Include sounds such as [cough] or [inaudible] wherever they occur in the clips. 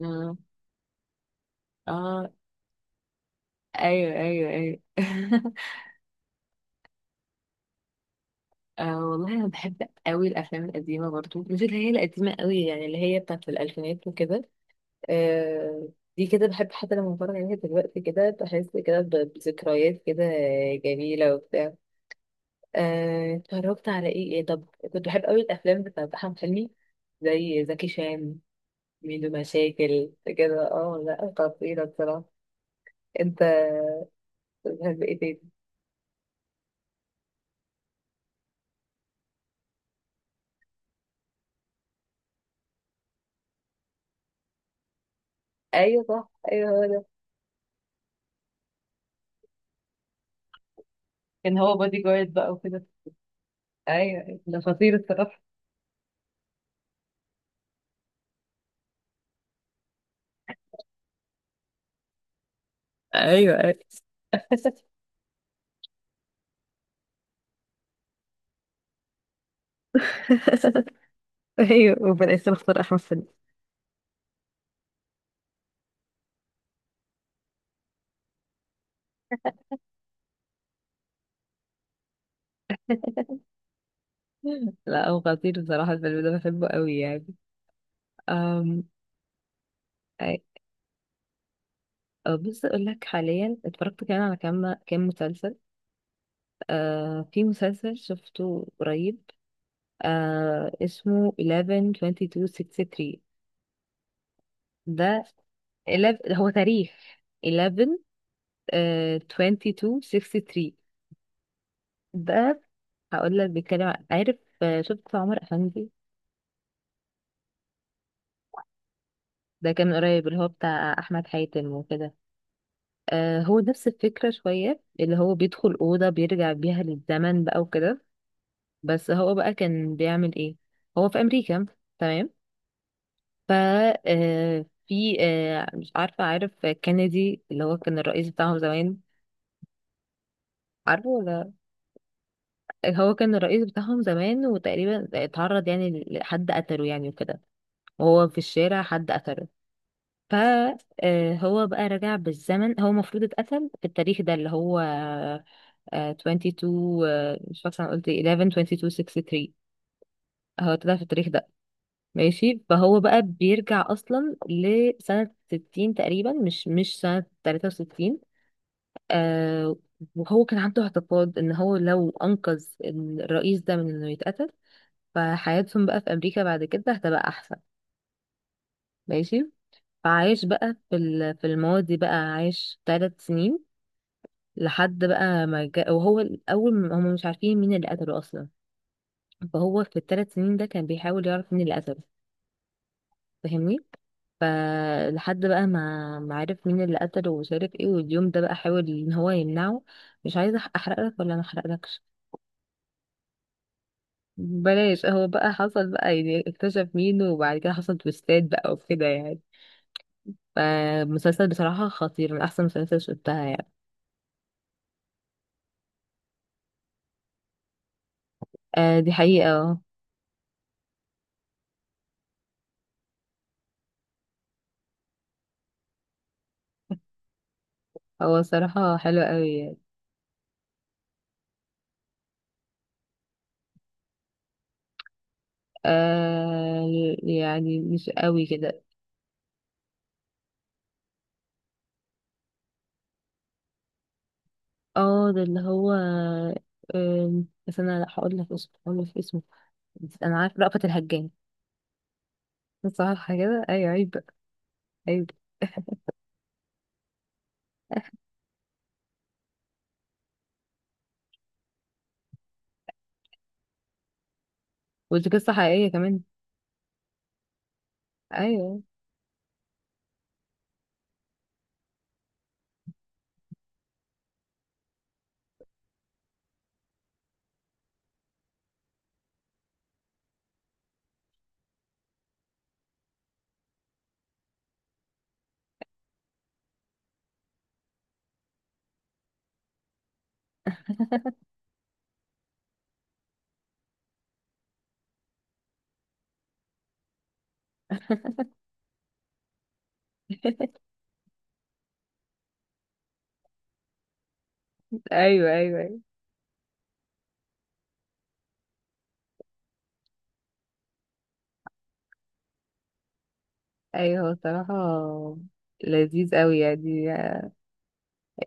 اه اه ايوه ايوه ايوه [laughs] آه والله انا بحب قوي الافلام القديمه برضو، مش اللي هي القديمه قوي، يعني اللي هي بتاعت الالفينات وكده. آه دي كده بحب، حتى لما بتفرج عليها دلوقتي كده بحس كده بذكريات كده جميله وبتاع. اتفرجت على ايه ايه؟ طب كنت بحب قوي الافلام بتاعت احمد حلمي، زي زكي شان، ميدو مشاكل كده. اه لا، خطيره بصراحه. انت بتحب ايه تاني؟ ايوه صح، ايوه هو ده. كان هو بودي جارد بقى وكده. ايوه أيوة، ده خطير الصراحه. ايوه ايوه [laughs] ايوه وبدأ يصير اختار احمد سعيد. لا هو خطير بصراحه، الفيلم ده بحبه قوي يعني. أم... أي- أه، بص اقول لك، حاليا اتفرجت كمان على كام كام مسلسل. في مسلسل شفته قريب، اسمه 11-22-63. ده 11 هو تاريخ 11 ، 22 63. ده هقول لك بيتكلم عارف، شفت عمر أفندي؟ ده كان من قريب، اللي هو بتاع أحمد حاتم وكده. هو نفس الفكرة شوية، اللي هو بيدخل أوضة بيرجع بيها للزمن بقى وكده. بس هو بقى كان بيعمل إيه؟ هو في أمريكا، تمام. ف آه، في آه، مش عارفة عارف كينيدي اللي هو كان الرئيس بتاعهم زمان؟ عارفه ولا؟ هو كان الرئيس بتاعهم زمان، وتقريبا اتعرض يعني لحد قتله يعني وكده، وهو في الشارع حد قتله. فهو بقى رجع بالزمن. هو المفروض اتقتل في التاريخ ده اللي هو 22 ، مش فاكره انا قلت ايه، 11 22 63. هو اتقتل في التاريخ ده، ماشي. فهو بقى بيرجع اصلا لسنه 60 تقريبا، مش سنه 63. آه. وهو كان عنده اعتقاد ان هو لو انقذ الرئيس ده من انه يتقتل، فحياتهم بقى في امريكا بعد كده هتبقى احسن، ماشي. فعايش بقى في في الماضي بقى، عايش 3 سنين، لحد بقى ما جا... وهو الاول هم مش عارفين مين اللي قتله اصلا. فهو في الثلاث سنين ده كان بيحاول يعرف مين اللي قتله، فاهمني؟ فلحد بقى ما عرف مين اللي قتله ومش عارف ايه، واليوم ده بقى حاول ان هو يمنعه. مش عايزه احرق لك ولا ما احرقلكش؟ بلاش. هو بقى حصل بقى يعني اكتشف مين، وبعد كده حصل تويستات بقى وكده يعني. فمسلسل بصراحة خطير، من أحسن مسلسل شفتها يعني. آه دي حقيقة، اه. هو الصراحة حلو قوي. آه يعني مش قوي كده. اه، ده اللي هو بس انا، لا هقول لك اسمه، هقول لك اسمه. بس انا عارف، رأفت الهجان. صح كده ايوه، عيب بقى. ايوه. ودي قصة حقيقية كمان. ايوه ايوه ايوه ايوه. ايوه هو صراحة لذيذ قوي يعني.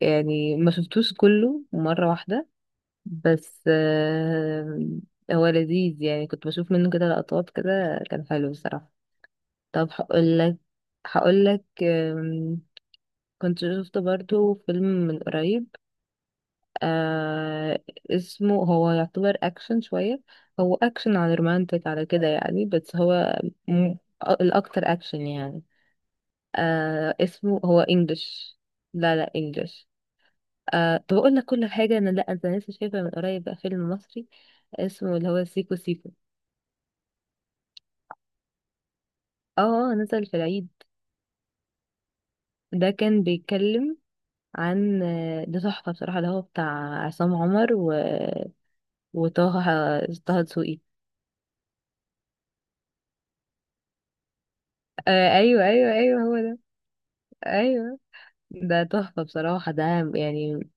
يعني ما شفتوش كله مرة واحدة، بس آه هو لذيذ يعني. كنت بشوف منه كده لقطات كده، كان حلو الصراحة. طب هقول لك، كنت شفت برضو فيلم من قريب، آه اسمه، هو يعتبر اكشن شوية، هو اكشن على رومانتك على كده يعني، بس هو م- الاكتر اكشن يعني. اسمه هو انجلش. لا لا انجلش. طب اقول لك كل حاجة، انا لا، انت لسه شايفة من قريب بقى فيلم مصري اسمه اللي هو سيكو سيكو؟ اه. نزل في العيد. ده كان بيتكلم عن، ده تحفة بصراحة اللي هو بتاع عصام عمر و... وطه دسوقي. أيوه أيوه أيوه، هو ده. أيوه، ده تحفة بصراحة ده، يعني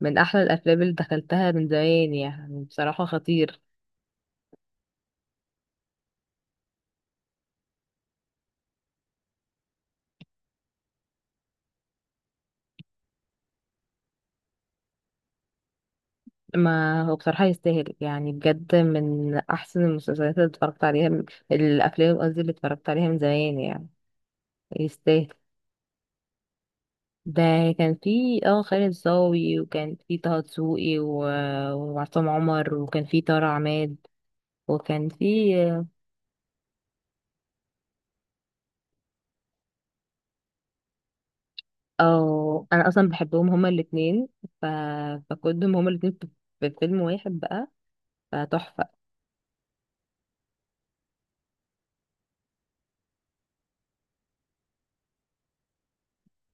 من أحلى الأفلام اللي دخلتها من زمان يعني، بصراحة خطير. ما هو بصراحة يستاهل، يعني بجد من أحسن المسلسلات اللي اتفرجت عليها الأفلام قصدي اللي اتفرجت عليها من زمان يعني، يستاهل. ده كان في اه خالد صاوي، وكان في طه دسوقي و... وعصام عمر، وكان في طارق عماد وكان في اه انا اصلا بحبهم هما الاتنين. ف... فكنتهم هما الاتنين في في فيلم واحد بقى، فتحفة.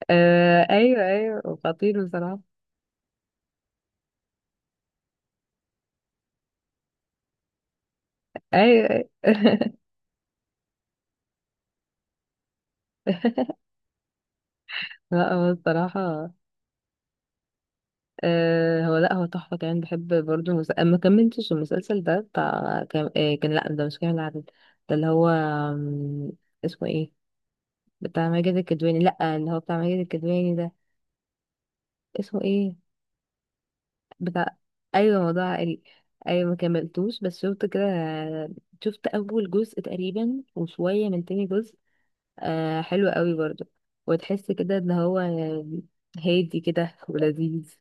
آه ايوه ايوه خطير بصراحة، ايوه ايوه [laughs] لا هو الصراحة، آه هو لا هو تحفة. كمان بحب برضه ما كملتش المسلسل ده بتاع، كان لا، ده مش كامل العدد. ده اللي هو اسمه ايه؟ بتاع ماجد الكدواني. لا، اللي هو بتاع ماجد الكدواني ده اسمه ايه؟ بتاع، ايوه، موضوع عائلي. ايوه ما كملتوش، بس شفت كده. شفت اول جزء تقريبا وشويه من تاني جزء. آه حلو قوي برضو، وتحس كده ان هو هادي كده ولذيذ.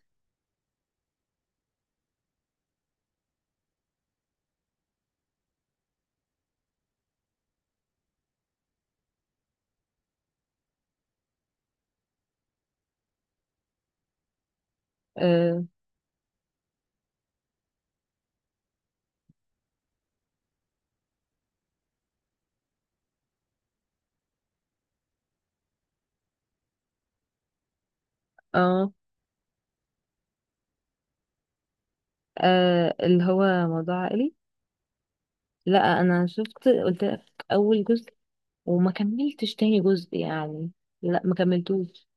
آه، اه اه، اللي هو موضوع عائلي. لا انا شفت قلت لك، اول جزء، وما كملتش تاني جزء يعني. لا ما كملتوش.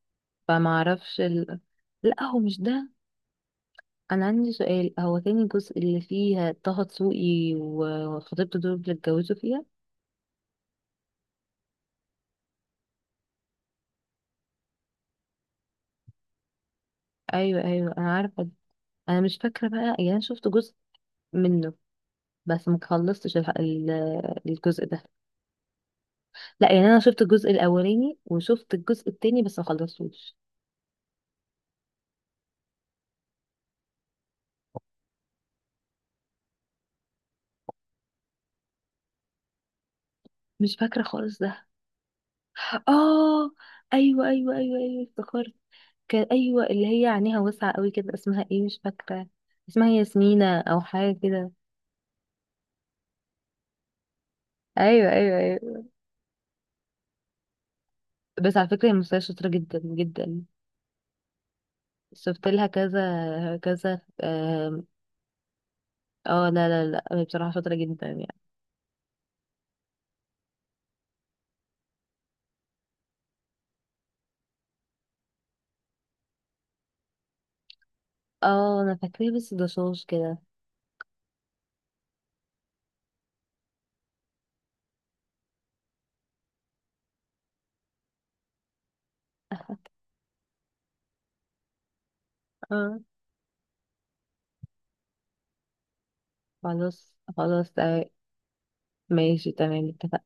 فما اعرفش لا هو مش ده. انا عندي سؤال، هو تاني جزء اللي فيها طه دسوقي وخطيبته دول اللي اتجوزوا فيها؟ ايوه ايوه انا عارفه ده. انا مش فاكره بقى يعني، انا شفت جزء منه بس ما خلصتش الجزء ده. لا يعني انا شفت الجزء الاولاني وشفت الجزء التاني بس ما خلصتوش. مش فاكره خالص ده. اه ايوه ايوه ايوه ايوه افتكرت. كان ايوه اللي هي عينيها واسعه قوي كده، اسمها ايه مش فاكره. اسمها ياسمينة او حاجه كده. ايوه ايوه ايوه. بس على فكرة هي ممثلة شاطرة جدا جدا. شفت لها كذا كذا اه. لا لا لا، هي بصراحة شاطرة جدا يعني. اه انا فاكراه بس ده شوش كده. اه خلاص خلاص تمام. ماشي تمام اتفقنا.